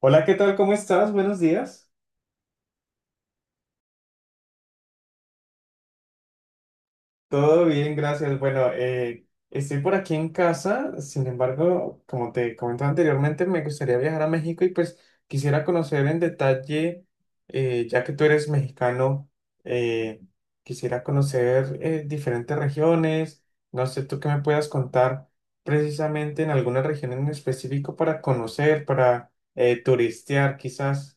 Hola, ¿qué tal? ¿Cómo estás? Buenos días. Todo bien, gracias. Bueno, estoy por aquí en casa, sin embargo, como te comentaba anteriormente, me gustaría viajar a México y pues quisiera conocer en detalle, ya que tú eres mexicano, eh, quisiera conocer diferentes regiones. No sé, tú qué me puedas contar precisamente en alguna región en específico para conocer, para turistear quizás.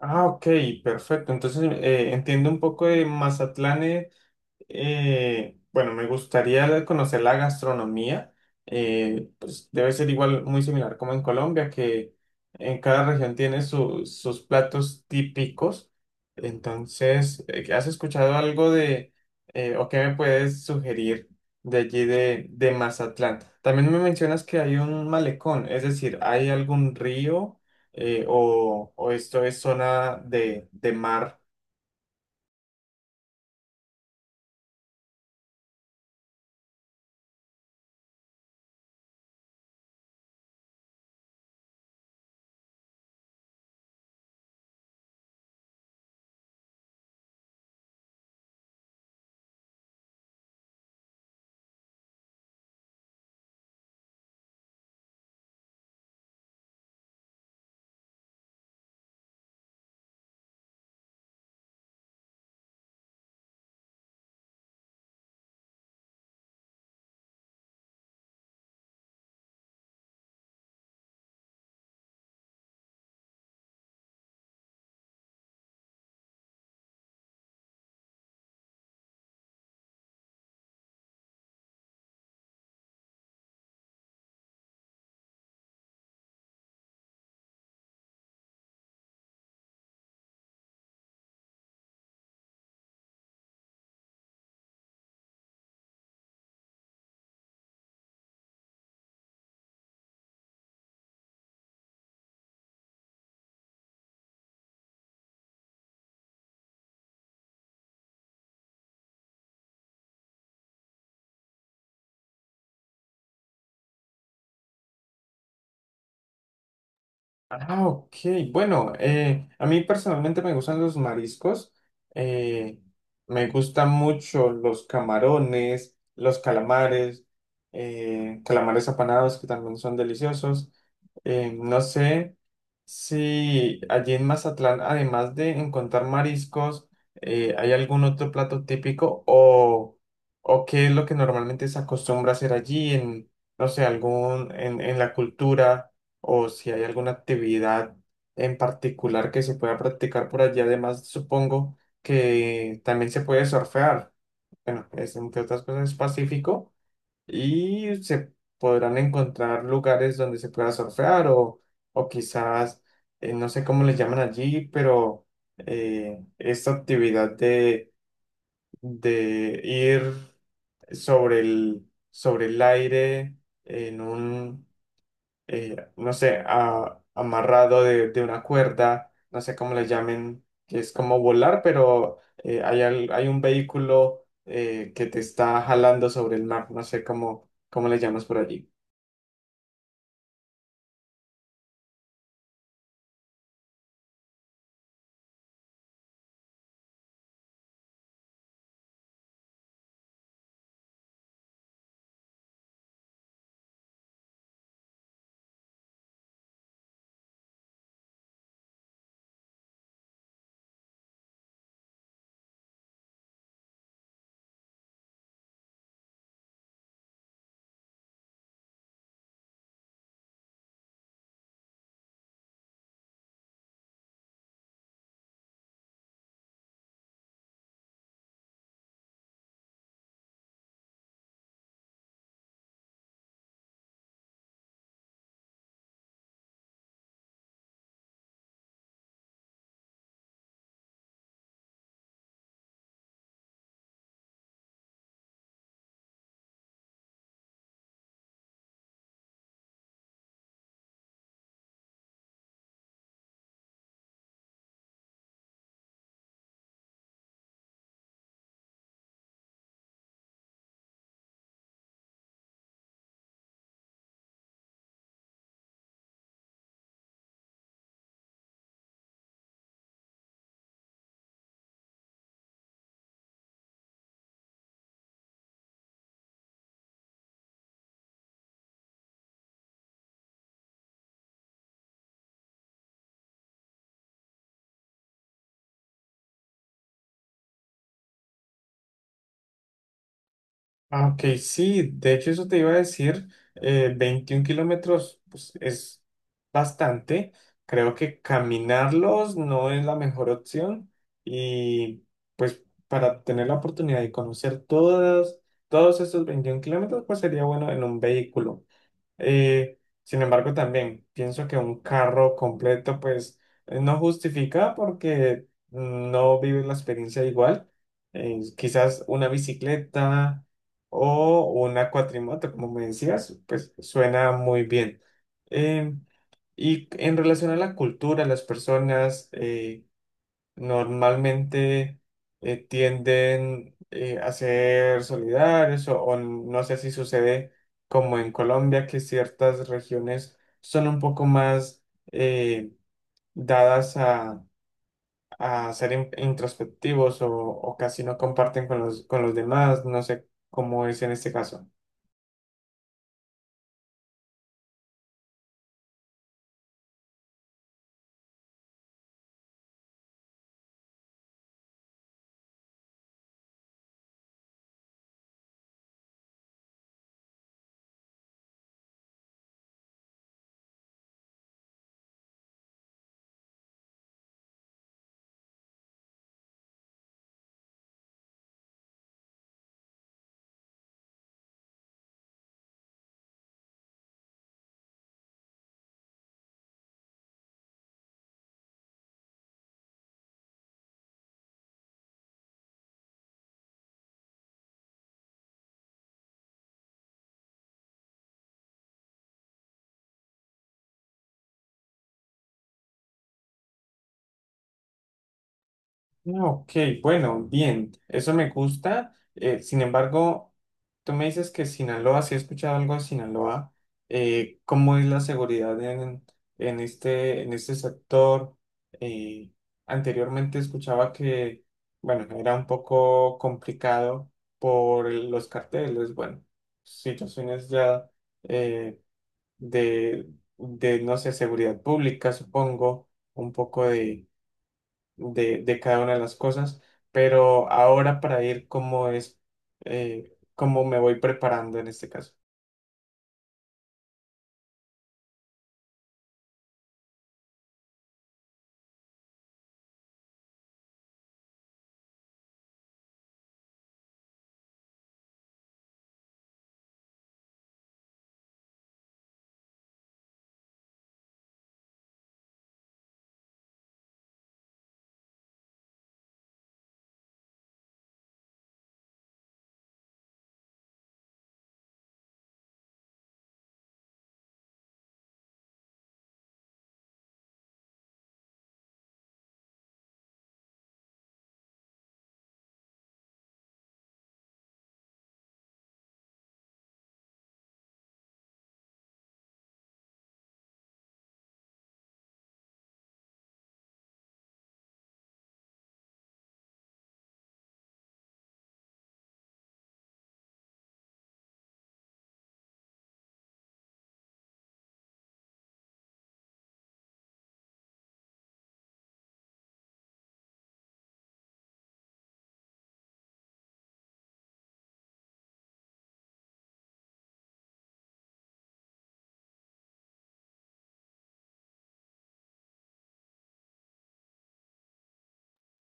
Ah, ok, perfecto. Entonces entiendo un poco de Mazatlán. Bueno, me gustaría conocer la gastronomía. Pues debe ser igual, muy similar como en Colombia, que en cada región tiene sus platos típicos. Entonces, ¿has escuchado algo de, o qué me puedes sugerir de allí de Mazatlán? También me mencionas que hay un malecón, es decir, ¿hay algún río o esto es zona de mar? Ah, ok. Bueno, a mí personalmente me gustan los mariscos. eh, Me gustan mucho los camarones, los calamares, calamares apanados que también son deliciosos. No sé si allí en Mazatlán, además de encontrar mariscos, hay algún otro plato típico o qué es lo que normalmente se acostumbra a hacer allí en, no sé, algún, en la cultura o si hay alguna actividad en particular que se pueda practicar por allí. Además, supongo que también se puede surfear. Bueno, es entre otras cosas es pacífico y se podrán encontrar lugares donde se pueda surfear o quizás, no sé cómo les llaman allí, pero esta actividad de ir sobre el aire en un, no sé, amarrado de una cuerda, no sé cómo le llamen, que es como volar, pero hay, hay un vehículo que te está jalando sobre el mar, no sé cómo, cómo le llamas por allí. Ah, ok, sí, de hecho eso te iba a decir, 21 kilómetros pues, es bastante, creo que caminarlos no es la mejor opción y pues para tener la oportunidad de conocer todos, todos esos 21 kilómetros pues sería bueno en un vehículo. Sin embargo, también pienso que un carro completo, pues, no justifica porque no vives la experiencia igual. Quizás una bicicleta o una cuatrimoto, como me decías, pues suena muy bien. Eh, y en relación a la cultura, las personas, normalmente tienden a ser solidarios o no sé si sucede como en Colombia, que ciertas regiones son un poco más eh, dadas a ser introspectivos o casi no comparten con los demás, no sé cómo es en este caso. Ok, bueno, bien, eso me gusta. Sin embargo, tú me dices que Sinaloa, si he escuchado algo de Sinaloa, ¿cómo es la seguridad en este sector? Eh, Anteriormente escuchaba que, bueno, era un poco complicado por los carteles, bueno, situaciones ya eh, de, de, no sé, seguridad pública, supongo, un poco de cada una de las cosas, pero ahora para ir cómo es, cómo me voy preparando en este caso.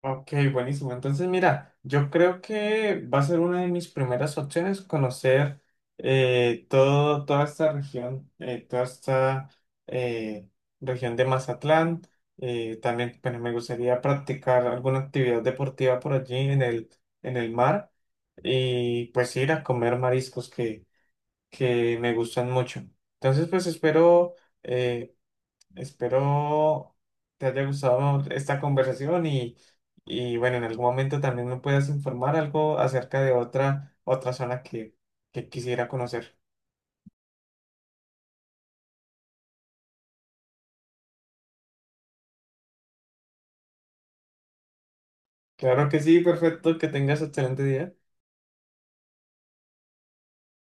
Ok, buenísimo. Entonces, mira, yo creo que va a ser una de mis primeras opciones conocer todo, toda esta eh, región de Mazatlán. También bueno, me gustaría practicar alguna actividad deportiva por allí en el mar y pues ir a comer mariscos que me gustan mucho. Entonces, pues espero, eh, espero te haya gustado esta conversación y bueno, en algún momento también me puedas informar algo acerca de otra, otra zona que quisiera conocer. Claro que sí, perfecto, que tengas excelente día.